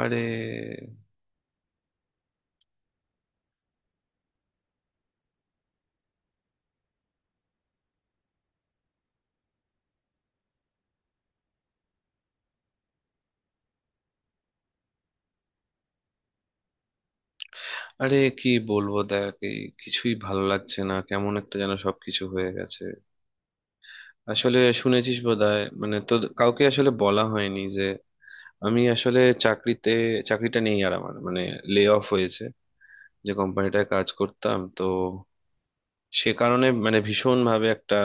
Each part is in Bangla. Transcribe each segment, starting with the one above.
আরে আরে কি বলবো? দেখ, এই কিছুই ভালো লাগছে না, কেমন একটা যেন সবকিছু হয়ে গেছে। আসলে শুনেছিস বোধহয়, মানে তো কাউকে আসলে বলা হয়নি যে আমি আসলে চাকরিতে চাকরিটা নেই আর, আমার মানে লে অফ হয়েছে, যে কোম্পানিটায় কাজ করতাম তো। সে কারণে মানে ভীষণ ভাবে একটা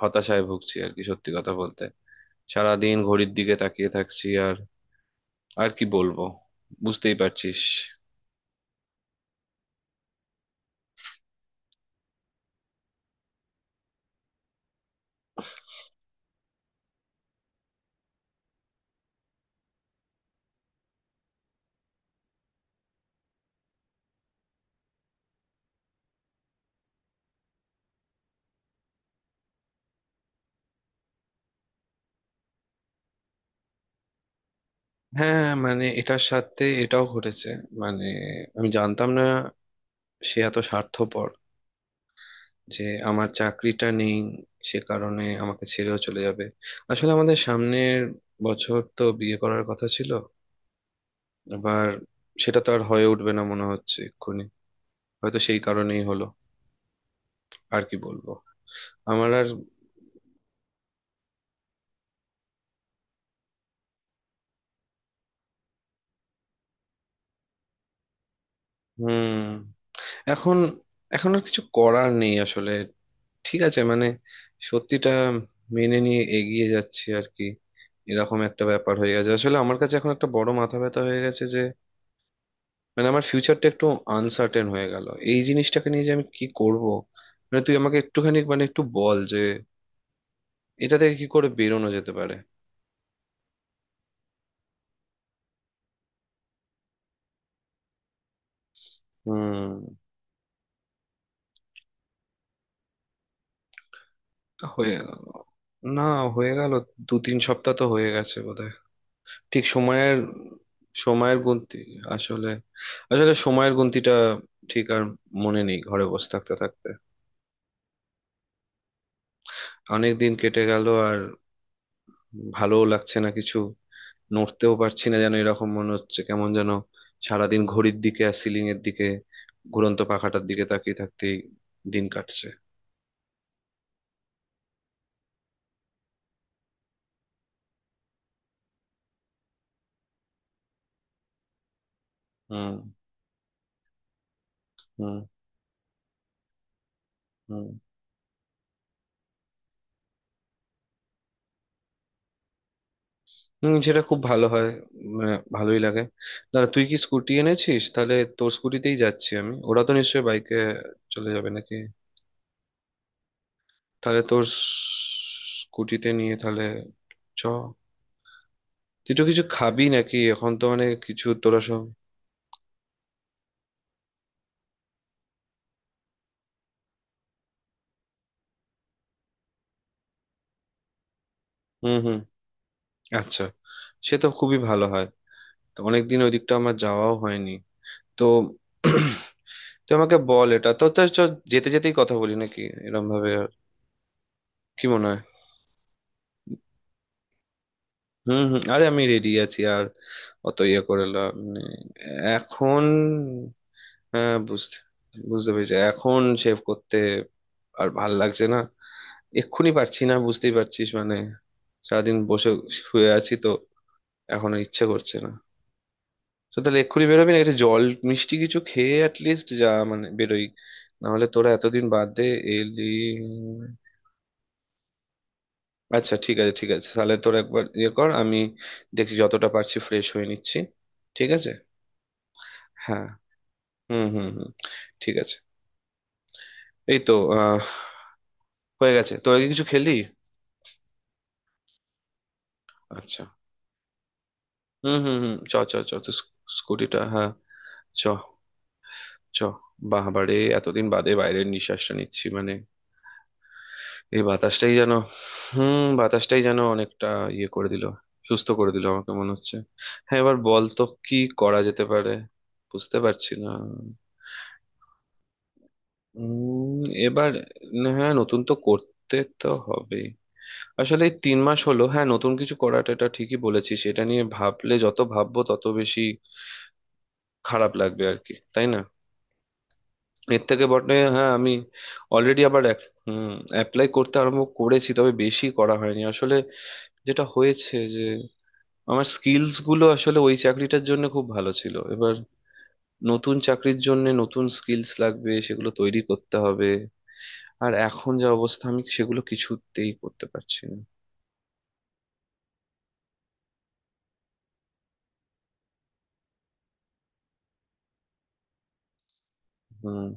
হতাশায় ভুগছি আর কি, সত্যি কথা বলতে। সারাদিন ঘড়ির দিকে তাকিয়ে থাকছি, আর আর কি বলবো, বুঝতেই পারছিস। হ্যাঁ হ্যাঁ, মানে এটার সাথে এটাও ঘটেছে। মানে আমি জানতাম না সে এত স্বার্থপর, যে আমার চাকরিটা নেই সে কারণে আমাকে ছেড়েও চলে যাবে। আসলে আমাদের সামনের বছর তো বিয়ে করার কথা ছিল, এবার সেটা তো আর হয়ে উঠবে না মনে হচ্ছে এক্ষুনি। হয়তো সেই কারণেই হলো, আর কি বলবো। আমার আর হুম, এখন এখন আর কিছু করার নেই আসলে। ঠিক আছে, মানে সত্যিটা মেনে নিয়ে এগিয়ে যাচ্ছি আর কি। এরকম একটা ব্যাপার হয়ে গেছে, আসলে আমার কাছে এখন একটা বড় মাথা ব্যথা হয়ে গেছে যে, মানে আমার ফিউচারটা একটু আনসার্টেন হয়ে গেল। এই জিনিসটাকে নিয়ে যে আমি কি করব, মানে তুই আমাকে একটুখানি মানে একটু বল যে এটা থেকে কি করে বেরোনো যেতে পারে। হুম। হয়ে গেল না হয়ে গেল, দু তিন সপ্তাহ তো হয়ে গেছে বোধহয়। ঠিক সময়ের, সময়ের গুনতি, আসলে, আসলে সময়ের গুনতিটা ঠিক আর মনে নেই, ঘরে বসে থাকতে থাকতে অনেক দিন কেটে গেল। আর ভালোও লাগছে না কিছু, নড়তেও পারছি না যেন, এরকম মনে হচ্ছে কেমন যেন। সারাদিন ঘড়ির দিকে আর সিলিং এর দিকে, ঘুরন্ত পাখাটার দিকে তাকিয়ে থাকতেই দিন কাটছে। হুম। হুম। হুম। হুম, সেটা খুব ভালো হয়, মানে ভালোই লাগে। দাঁড়া, তুই কি স্কুটি এনেছিস? তাহলে তোর স্কুটিতেই যাচ্ছি আমি, ওরা তো নিশ্চয়ই বাইকে চলে যাবে নাকি। তাহলে তোর স্কুটিতে নিয়ে তাহলে চ। তুই তো কিছু খাবি নাকি এখন, তো মানে কিছু তোরা সব? হুম হুম, আচ্ছা। সে তো খুবই ভালো হয়, তো অনেকদিন ওই দিকটা আমার যাওয়াও হয়নি তো। তুই আমাকে বল, এটা তো তো চ, যেতে যেতেই কথা বলি নাকি এরম ভাবে, আর কি মনে হয়। হুম হুম, আরে আমি রেডি আছি আর, অত ইয়ে করে লাভ নেই। এখন হ্যাঁ, বুঝতে বুঝতে পেরেছি। এখন সেভ করতে আর ভাল লাগছে না, এক্ষুনি পারছি না, বুঝতেই পারছিস মানে, সারাদিন বসে শুয়ে আছি তো, এখন আর ইচ্ছে করছে না। তো তাহলে এক্ষুনি বেরোবি না, একটা জল মিষ্টি কিছু খেয়ে অ্যাটলিস্ট যা, মানে বেরোই। না হলে তোরা এতদিন বাদে এলি। আচ্ছা ঠিক আছে, ঠিক আছে, তাহলে তোরা একবার ইয়ে কর, আমি দেখছি, যতটা পারছি ফ্রেশ হয়ে নিচ্ছি। ঠিক আছে। হ্যাঁ, হুম হুম হুম, ঠিক আছে। এই তো, আহ, হয়ে গেছে। তোরা কি কিছু খেলি? আচ্ছা। হুম হুম হুম, চ চ চ, তো স্কুটিটা হ্যাঁ, চ, চ। বাহ বাড়ে, এতদিন বাদে বাইরের নিঃশ্বাসটা নিচ্ছি, মানে এই বাতাসটাই যেন। হুম, বাতাসটাই যেন অনেকটা ইয়ে করে দিল, সুস্থ করে দিল আমাকে মনে হচ্ছে। হ্যাঁ এবার বল তো কি করা যেতে পারে, বুঝতে পারছি না। উম এবার হ্যাঁ, নতুন তো করতে তো হবে। আসলে এই তিন মাস হলো, হ্যাঁ নতুন কিছু করাটা, এটা ঠিকই বলেছিস, এটা নিয়ে ভাবলে যত ভাববো তত বেশি খারাপ লাগবে আর কি, তাই না। এর থেকে বটে হ্যাঁ, আমি অলরেডি আবার হুম, অ্যাপ্লাই করতে আরম্ভ করেছি, তবে বেশি করা হয়নি আসলে। যেটা হয়েছে যে আমার স্কিলস গুলো আসলে ওই চাকরিটার জন্য খুব ভালো ছিল, এবার নতুন চাকরির জন্য নতুন স্কিলস লাগবে, সেগুলো তৈরি করতে হবে। আর এখন যা অবস্থা, আমি সেগুলো কিছুতেই করতে পারছি না। হুম।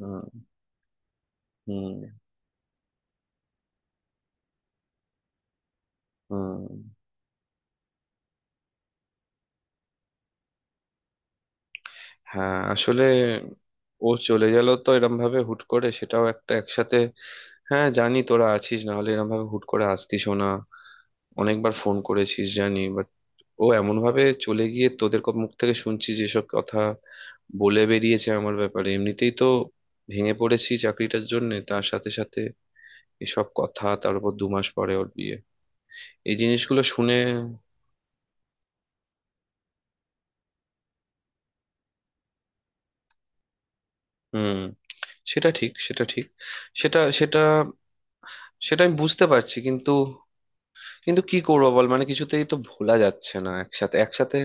হুম। হুম। হুম। হ্যাঁ আসলে, ও চলে গেল তো এরম ভাবে হুট করে, সেটাও একটা একসাথে। হ্যাঁ জানি, তোরা আছিস, না হলে এরম ভাবে হুট করে আসতিসও না। অনেকবার ফোন করেছিস জানি, বাট ও এমন ভাবে চলে গিয়ে, তোদের মুখ থেকে শুনছি যেসব কথা বলে বেরিয়েছে আমার ব্যাপারে, এমনিতেই তো ভেঙে পড়েছি চাকরিটার জন্য, তার সাথে সাথে এসব কথা, তার উপর দু মাস পরে ওর বিয়ে, এই জিনিসগুলো শুনে। হুম। সেটা ঠিক, সেটা ঠিক। সেটা সেটা সেটা আমি বুঝতে পারছি, কিন্তু কিন্তু কি করবো বল, মানে কিছুতেই তো ভোলা যাচ্ছে না। একসাথে একসাথে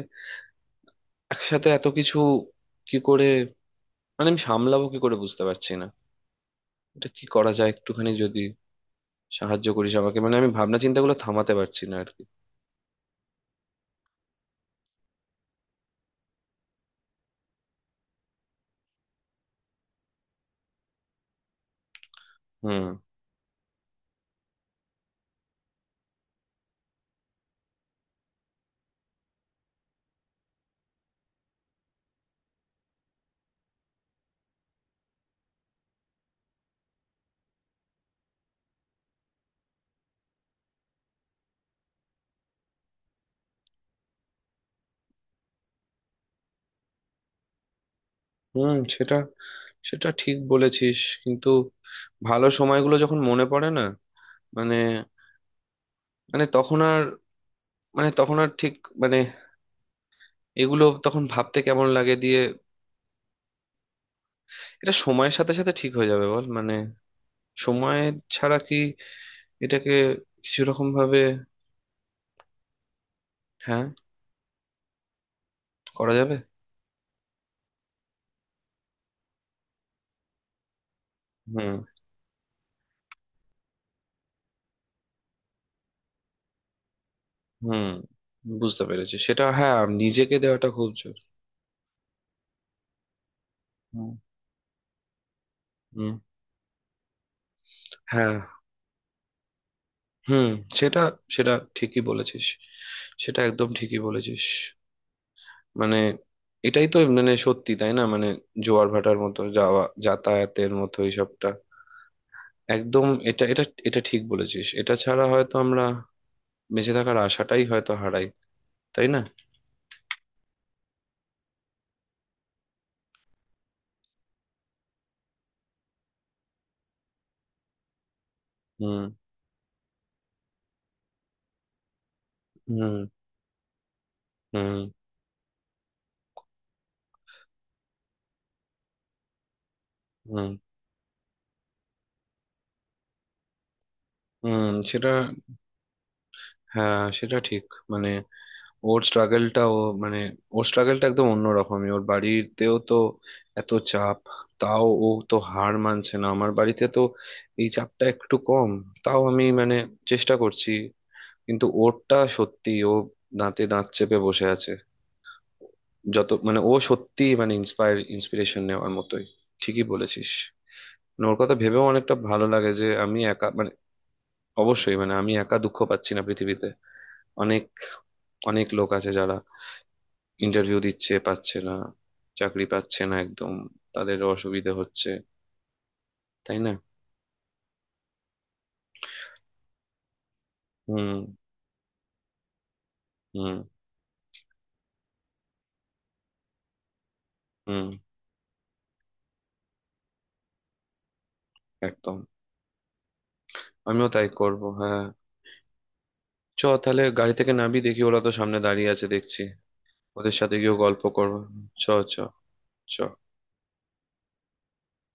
একসাথে এত কিছু কি করে, মানে আমি সামলাবো কি করে বুঝতে পারছি না। এটা কি করা যায় একটুখানি, যদি সাহায্য করিস আমাকে, মানে আমি ভাবনা চিন্তাগুলো থামাতে পারছি না আর কি। হুম। হুম সেটা, সেটা ঠিক বলেছিস, কিন্তু ভালো সময়গুলো যখন মনে পড়ে না, মানে, মানে তখন আর, মানে তখন আর ঠিক, মানে এগুলো তখন ভাবতে কেমন লাগে, দিয়ে এটা সময়ের সাথে সাথে ঠিক হয়ে যাবে বল, মানে সময় ছাড়া কি এটাকে কিছু রকম ভাবে, হ্যাঁ, করা যাবে। হুম, হুম, বুঝতে পেরেছি সেটা, হ্যাঁ। নিজেকে দেওয়াটা খুব জোর। হুম, হুম, হ্যাঁ, হুম, সেটা, সেটা ঠিকই বলেছিস, সেটা একদম ঠিকই বলেছিস। মানে এটাই তো, মানে সত্যি তাই না, মানে জোয়ার ভাটার মতো, যাওয়া যাতায়াতের মতো এইসবটা। একদম, এটা এটা এটা ঠিক বলেছিস, এটা ছাড়া হয়তো আমরা বেঁচে থাকার আশাটাই হয়তো হারাই, তাই না। হুম। হুম। হুম। হুম। হুম, সেটা, হ্যাঁ সেটা ঠিক। মানে ওর স্ট্রাগলটা ও মানে, ওর স্ট্রাগলটা একদম অন্যরকমই, ওর বাড়িতেও তো এত চাপ, তাও ও তো হার মানছে না। আমার বাড়িতে তো এই চাপটা একটু কম, তাও আমি মানে চেষ্টা করছি, কিন্তু ওরটা সত্যি, ও দাঁতে দাঁত চেপে বসে আছে, যত মানে ও সত্যি মানে ইন্সপায়ার, ইন্সপিরেশন নেওয়ার মতোই। ঠিকই বলেছিস, মানে ওর কথা ভেবেও অনেকটা ভালো লাগে যে আমি একা, মানে অবশ্যই, মানে আমি একা দুঃখ পাচ্ছি না। পৃথিবীতে অনেক অনেক লোক আছে যারা ইন্টারভিউ দিচ্ছে, পাচ্ছে না, চাকরি পাচ্ছে না একদম, তাদের অসুবিধা হচ্ছে, তাই না। হুম। হুম। হুম। একদম, আমিও তাই করব, হ্যাঁ। চ, তাহলে গাড়ি থেকে নামি, দেখি ওরা তো সামনে দাঁড়িয়ে আছে দেখছি, ওদের সাথে গিয়ে গল্প করবো। চ, চ, চ।